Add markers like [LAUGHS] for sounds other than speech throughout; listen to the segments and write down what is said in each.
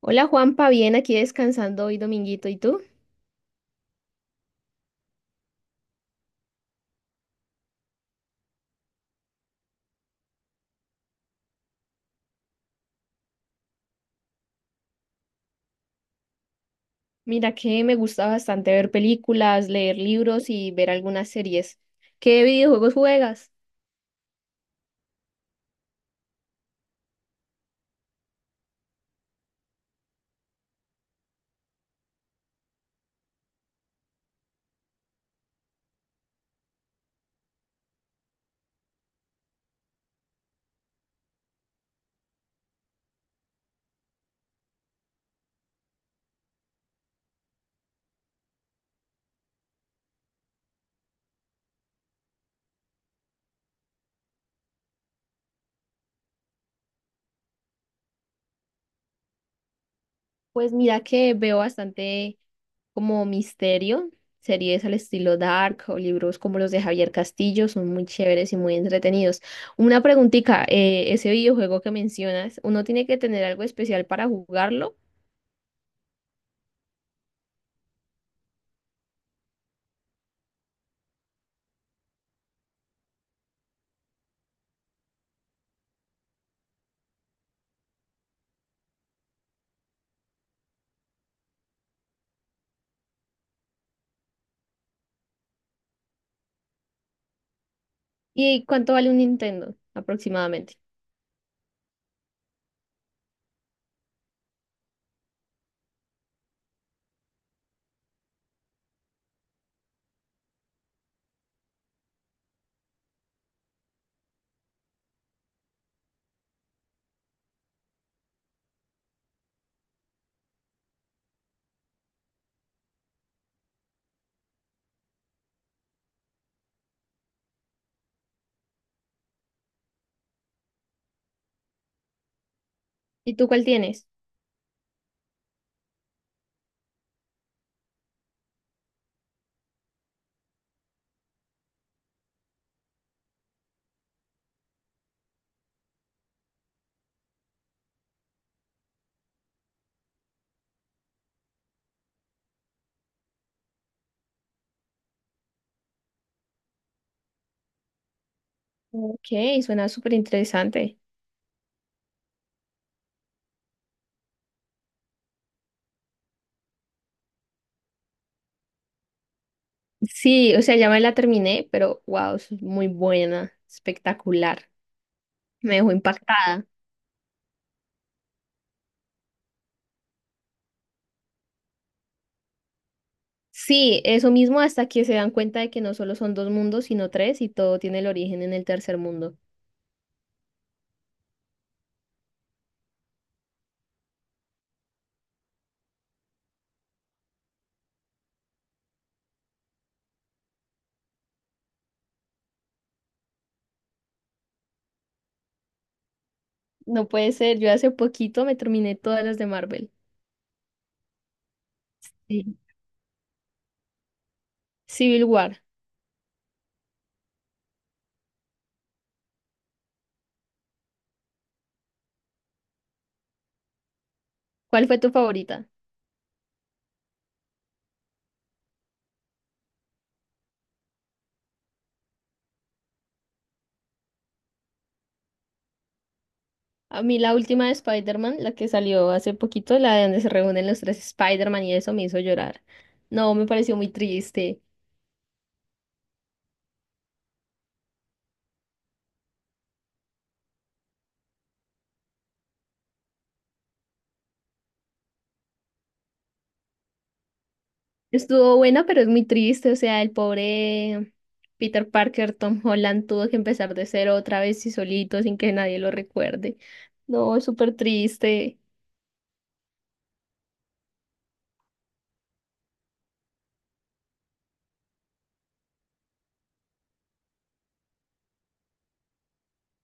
Hola Juanpa, bien, aquí descansando hoy dominguito, ¿y tú? Mira que me gusta bastante ver películas, leer libros y ver algunas series. ¿Qué videojuegos juegas? Pues mira que veo bastante como misterio, series al estilo Dark o libros como los de Javier Castillo, son muy chéveres y muy entretenidos. Una preguntita, ese videojuego que mencionas, ¿uno tiene que tener algo especial para jugarlo? ¿Y cuánto vale un Nintendo aproximadamente? ¿Y tú cuál tienes? Ok, suena súper interesante. Sí, o sea, ya me la terminé, pero wow, es muy buena, espectacular. Me dejó impactada. Sí, eso mismo hasta que se dan cuenta de que no solo son dos mundos, sino tres, y todo tiene el origen en el tercer mundo. No puede ser, yo hace poquito me terminé todas las de Marvel. Sí. Civil War, ¿cuál fue tu favorita? A mí la última de Spider-Man, la que salió hace poquito, la de donde se reúnen los tres Spider-Man y eso me hizo llorar. No, me pareció muy triste. Estuvo buena, pero es muy triste. O sea, el pobre Peter Parker, Tom Holland, tuvo que empezar de cero otra vez y solito, sin que nadie lo recuerde. No, es súper triste.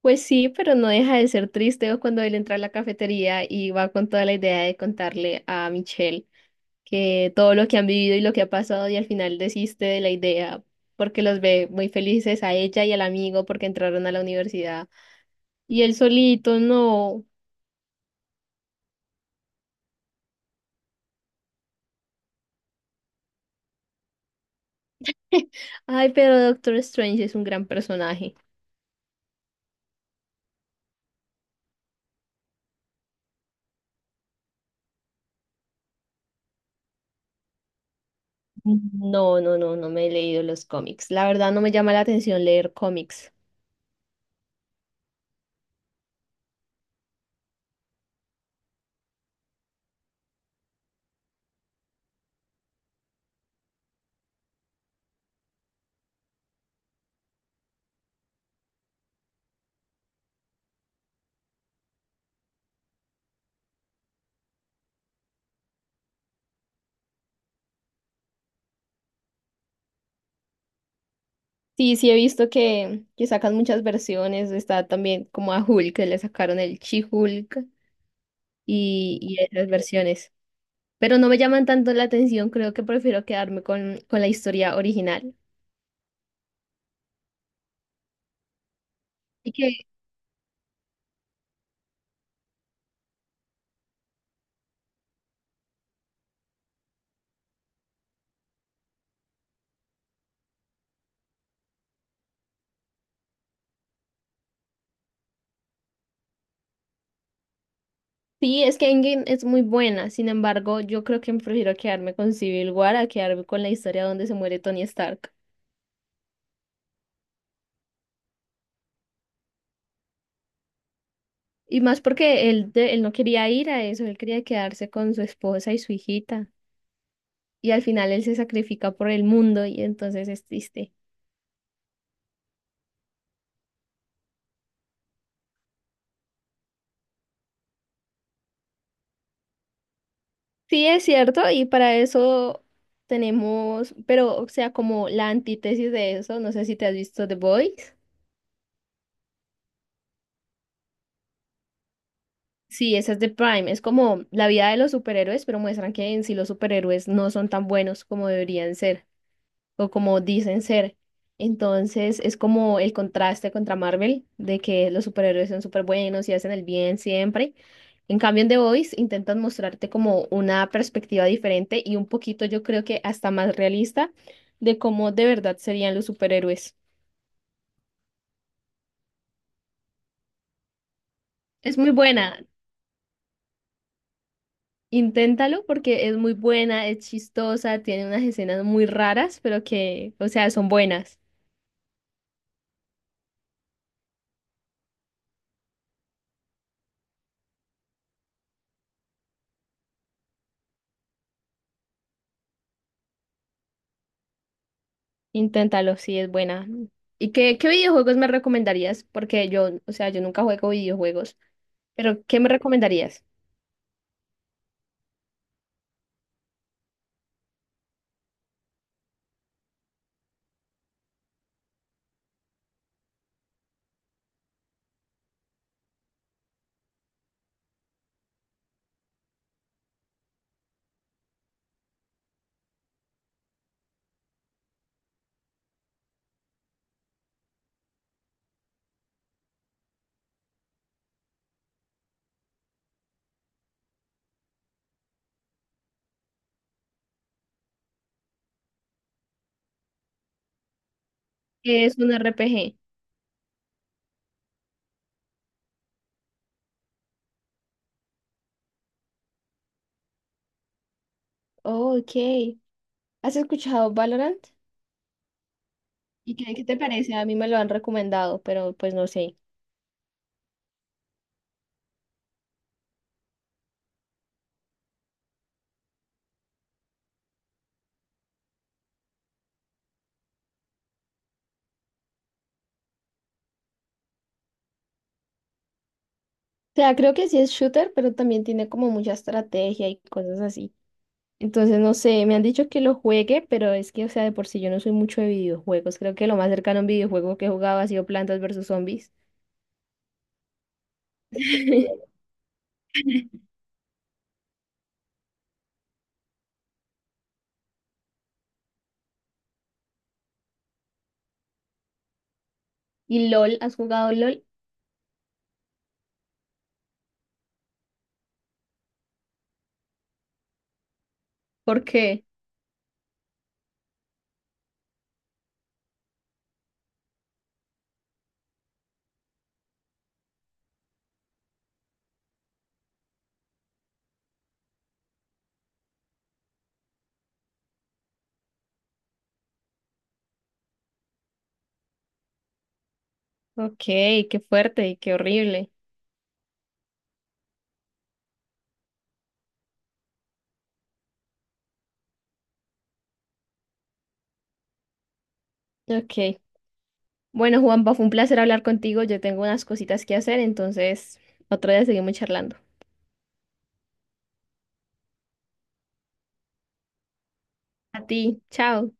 Pues sí, pero no deja de ser triste o cuando él entra a la cafetería y va con toda la idea de contarle a Michelle que todo lo que han vivido y lo que ha pasado y al final desiste de la idea porque los ve muy felices a ella y al amigo porque entraron a la universidad. Y él solito, no. [LAUGHS] Ay, pero Doctor Strange es un gran personaje. No, no, no, me he leído los cómics. La verdad no me llama la atención leer cómics. Sí, sí he visto que sacan muchas versiones. Está también como a Hulk, que le sacaron el She-Hulk y esas versiones. Pero no me llaman tanto la atención. Creo que prefiero quedarme con la historia original. Y que sí, es que Endgame es muy buena. Sin embargo, yo creo que prefiero quedarme con Civil War a quedarme con la historia donde se muere Tony Stark. Y más porque él no quería ir a eso, él quería quedarse con su esposa y su hijita. Y al final él se sacrifica por el mundo y entonces es triste. Sí, es cierto, y para eso tenemos, pero o sea, como la antítesis de eso, no sé si te has visto The Boys. Sí, esa es de Prime, es como la vida de los superhéroes, pero muestran que en sí los superhéroes no son tan buenos como deberían ser, o como dicen ser. Entonces es como el contraste contra Marvel, de que los superhéroes son súper buenos y hacen el bien siempre. En cambio, en The Voice intentan mostrarte como una perspectiva diferente y un poquito, yo creo que hasta más realista, de cómo de verdad serían los superhéroes. Es muy buena, inténtalo porque es muy buena, es chistosa, tiene unas escenas muy raras, pero que, o sea, son buenas. Inténtalo, sí, es buena. ¿Y qué videojuegos me recomendarías? Porque yo, o sea, yo nunca juego videojuegos, pero ¿qué me recomendarías? ¿Qué es un RPG? Oh, ok. ¿Has escuchado Valorant? ¿Y qué te parece? A mí me lo han recomendado, pero pues no sé. O sea, creo que sí es shooter, pero también tiene como mucha estrategia y cosas así. Entonces, no sé, me han dicho que lo juegue, pero es que, o sea, de por sí yo no soy mucho de videojuegos. Creo que lo más cercano a un videojuego que he jugado ha sido Plantas versus Zombies. [LAUGHS] ¿Y LOL? ¿Has jugado LOL? ¿Por qué? Ok, qué fuerte y qué horrible. Ok. Bueno, Juanpa, fue un placer hablar contigo. Yo tengo unas cositas que hacer, entonces otro día seguimos charlando. A ti, chao.